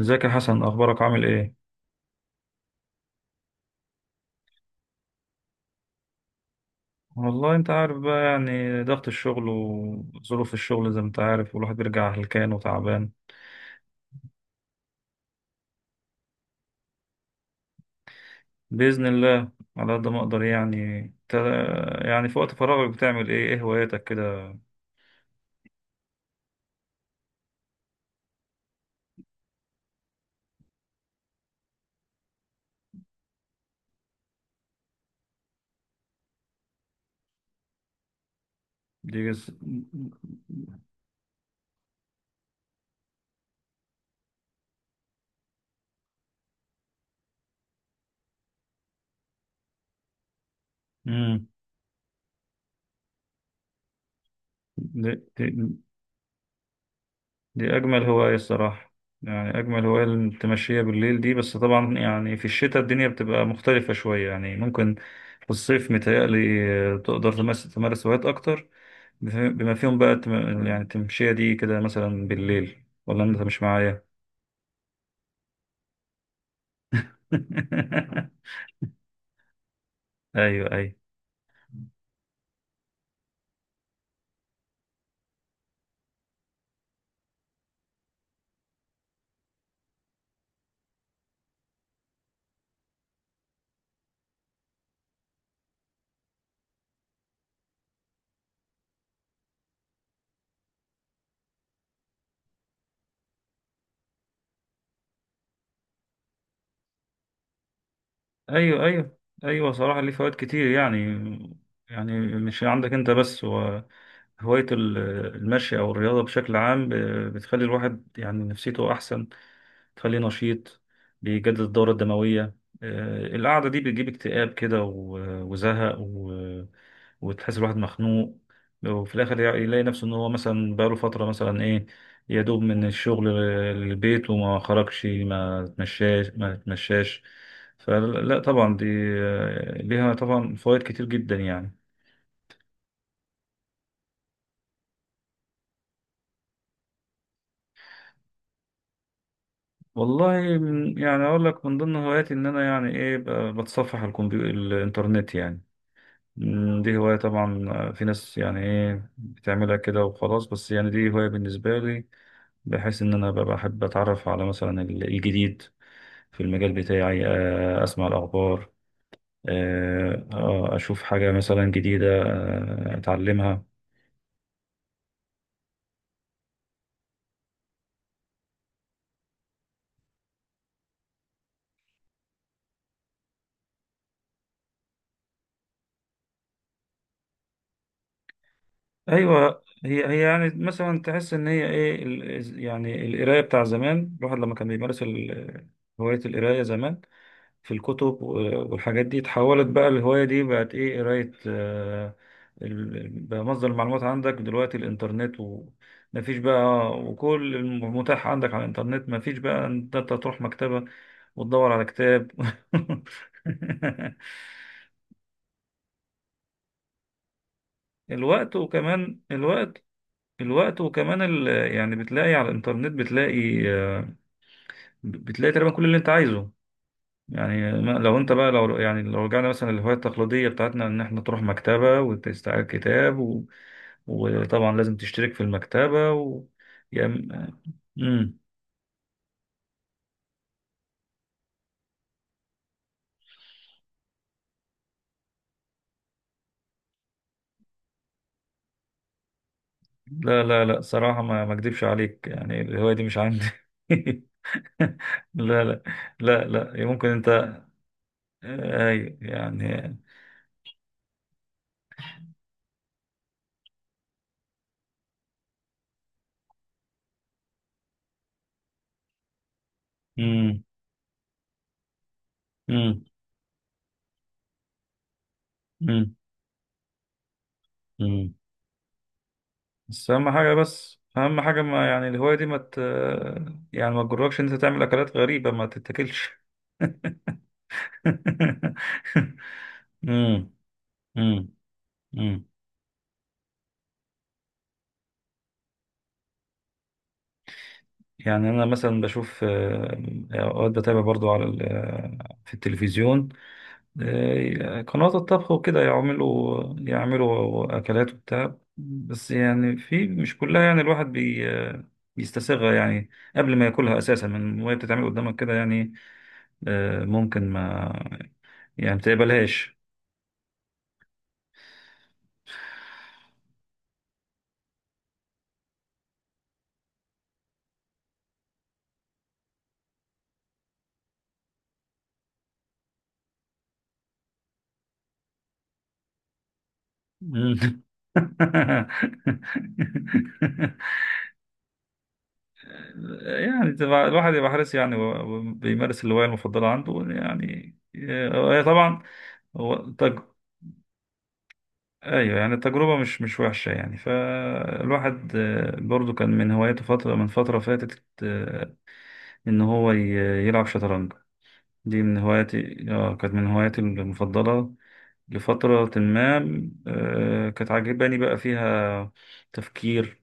ازيك يا حسن، اخبارك؟ عامل ايه؟ والله انت عارف بقى، يعني ضغط الشغل وظروف الشغل زي ما انت عارف، والواحد بيرجع هلكان وتعبان. باذن الله على قد ما اقدر. يعني انت، يعني في وقت فراغك بتعمل ايه؟ ايه هواياتك كده؟ دي جز... مم. دي أجمل هواية الصراحة. يعني أجمل هواية التمشية بالليل دي، بس طبعا يعني في الشتاء الدنيا بتبقى مختلفة شوية، يعني ممكن في الصيف متهيألي تقدر تمارس هوايات أكتر، بما فيهم بقى يعني التمشية دي كده مثلا بالليل، ولا أنت مش معايا؟ أيوه، أيوه، ايوه، ايوه، ايوه صراحة ليه فوائد كتير يعني. يعني مش عندك انت بس، هو هواية المشي او الرياضة بشكل عام بتخلي الواحد يعني نفسيته احسن، تخليه نشيط، بيجدد الدورة الدموية. القعدة دي بتجيب اكتئاب كده وزهق وتحس الواحد مخنوق، وفي الآخر يلاقي نفسه إن هو مثلا بقاله فترة مثلا إيه، يدوب من الشغل للبيت، وما خرجش، ما تمشاش ما تمشاش. فلا طبعا دي، ليها طبعا فوائد كتير جدا يعني. والله من، يعني اقول لك، من ضمن هواياتي ان انا يعني ايه، بتصفح الكمبيوتر، الانترنت يعني. مم، دي هواية طبعا. في ناس يعني ايه بتعملها كده وخلاص، بس يعني دي هواية بالنسبة لي، بحيث ان انا ببقى احب اتعرف على مثلا الجديد في المجال بتاعي. اسمع الاخبار، اشوف حاجة مثلا جديدة، اتعلمها. ايوه، هي يعني مثلا تحس ان هي ايه يعني القرايه بتاع زمان، الواحد لما كان بيمارس هوايه القرايه زمان في الكتب والحاجات دي، اتحولت بقى الهوايه دي، بقت ايه، قرايه. بقى مصدر المعلومات عندك دلوقتي الانترنت، ومفيش بقى، وكل المتاح عندك على الانترنت، مفيش بقى ان انت تروح مكتبه وتدور على كتاب. الوقت، وكمان الوقت، الوقت، يعني بتلاقي على الانترنت بتلاقي، بتلاقي تقريبا كل اللي انت عايزه. يعني لو انت بقى، لو يعني لو رجعنا مثلا للهواية التقليدية بتاعتنا، ان احنا تروح مكتبة وتستعير كتاب، و... وطبعا لازم تشترك في المكتبة و... يا م... مم. لا لا لا، صراحة، ما اكدبش عليك، يعني الهواية دي مش عندي. لا لا لا، لا، ممكن انت، اي يعني. مم. مم. مم. مم. بس اهم حاجه، بس اهم حاجه ما، يعني الهوايه دي ما ت... يعني ما تجركش إن انت تعمل اكلات غريبه ما تتاكلش. امم امم امم يعني انا مثلا بشوف، اوقات بتابع برضو على ال... في التلفزيون، قنوات الطبخ وكده، يعملوا، يعملوا اكلات وبتاع، بس يعني في، مش كلها يعني الواحد بي آه، بيستساغها يعني قبل ما ياكلها اساسا، من وهي بتتعمل قدامك كده يعني. ممكن ما، يعني بتقبلهاش. مم. يعني تبقى، الواحد يبقى حريص يعني، وبيمارس الهواية المفضلة عنده يعني. هي طبعا. هو تج... ايوه يعني التجربة مش مش وحشة يعني. فالواحد، برضو كان من هواياته فترة من فترة فاتت، ان هو يلعب شطرنج. دي من هواياتي، اه، كانت من هواياتي المفضلة لفترة ما. كانت عاجباني بقى فيها تفكير،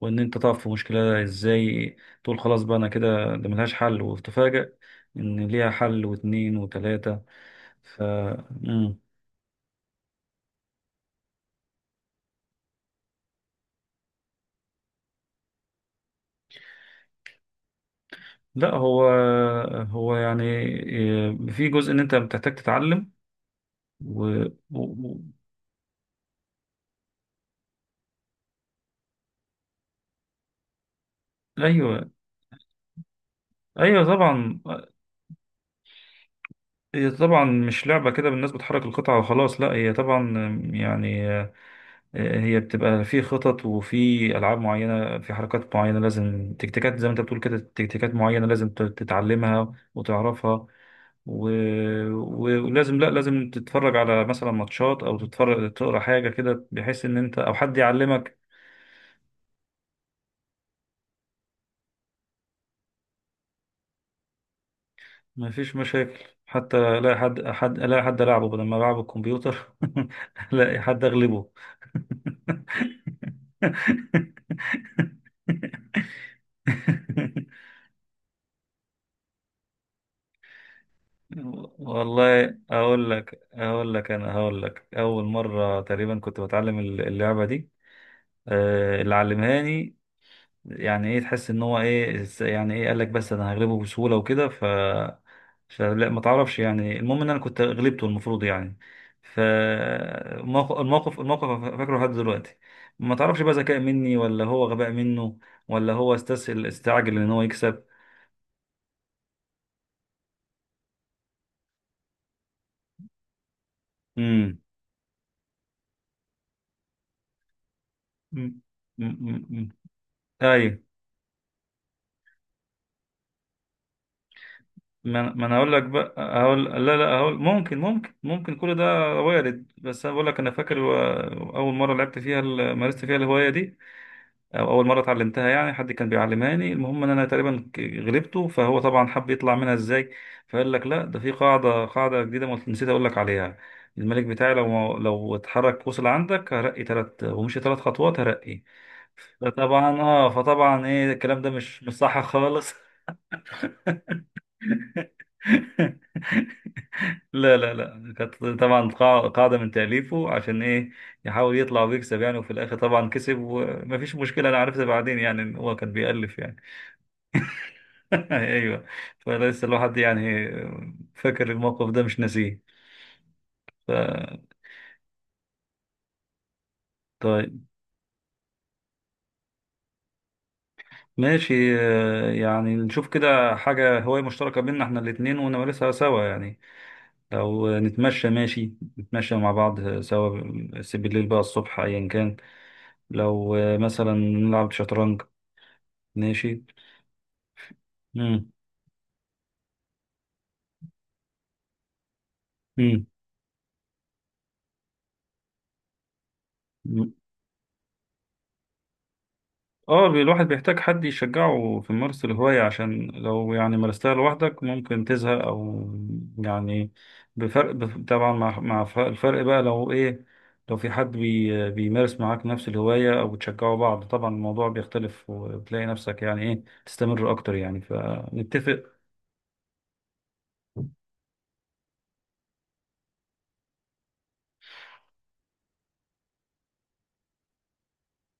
وان انت تقف في مشكلة ازاي، تقول خلاص بقى انا كده ده ملهاش حل، وتفاجأ ان ليها حل واتنين وتلاتة. ف مم. لا هو، هو يعني في جزء ان انت بتحتاج تتعلم و... و... و- ايوه، ايوه طبعا. هي طبعا مش لعبة كده بالناس بتحرك القطعة وخلاص، لا هي طبعا يعني، هي بتبقى في خطط، وفي ألعاب معينة، في حركات معينة، لازم تكتيكات زي ما أنت بتقول كده، تكتيكات معينة لازم تتعلمها وتعرفها، و... ولازم، لا لازم تتفرج على مثلا ماتشات، أو تتفرج تقرأ حاجة كده، بحيث إن أنت أو حد يعلمك. مفيش مشاكل، حتى لا حد ألعبه بدل ما ألعب الكمبيوتر. لا، حد أغلبه. والله اقول لك، انا هقول لك، اول مره تقريبا كنت بتعلم اللعبه دي، اللي علمهاني، يعني ايه، تحس ان هو ايه، يعني ايه، قال لك بس انا هغلبه بسهوله وكده، فلا ما تعرفش يعني، المهم ان انا كنت غلبته المفروض يعني. ف الموقف فاكره لحد دلوقتي. ما تعرفش بقى ذكاء مني ولا هو غباء منه، ولا هو استسهل، استعجل ان هو يكسب. امم امم أمم. ايوه. ما انا هقول لك بقى، هقول لا لا، هقول ممكن، ممكن، ممكن كل ده وارد. بس انا بقول لك انا فاكر، اول مره لعبت فيها مارست فيها الهوايه دي، او اول مره اتعلمتها يعني، حد كان بيعلمهاني، المهم ان انا تقريبا غلبته، فهو طبعا حب يطلع منها ازاي، فقال لك لا ده في قاعده، قاعده جديده ما نسيت اقول لك عليها. الملك بتاعي لو اتحرك وصل عندك هرقي، ثلاث ومشي ثلاث خطوات هرقي. فطبعا اه، فطبعا ايه، الكلام ده مش مش صح خالص. لا لا لا، كانت طبعا قاعدة من تأليفه عشان ايه، يحاول يطلع ويكسب يعني، وفي الآخر طبعا كسب ومفيش مشكلة، أنا عرفت بعدين يعني إن هو كان بيألف يعني. أيوه. فلسه الواحد يعني فاكر الموقف ده، مش ناسيه. ف... طيب، ماشي. يعني نشوف كده حاجة هواية مشتركة بينا احنا الاتنين ونمارسها سوا يعني، لو نتمشى ماشي، نتمشى مع بعض سوا، بس بالليل بقى، الصبح، أيا كان، لو مثلا نلعب شطرنج ماشي. مم. مم. اه، الواحد بيحتاج حد يشجعه في ممارسة الهواية، عشان لو يعني مارستها لوحدك ممكن تزهق أو، يعني، بفرق، طبعا مع، مع الفرق بقى لو إيه، لو في حد بيمارس معاك نفس الهواية أو بتشجعوا بعض، طبعا الموضوع بيختلف، وبتلاقي نفسك يعني إيه، تستمر أكتر يعني، فنتفق.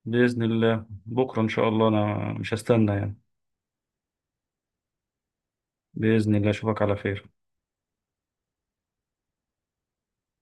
بإذن الله بكرة إن شاء الله أنا مش هستنى يعني. بإذن الله أشوفك على خير.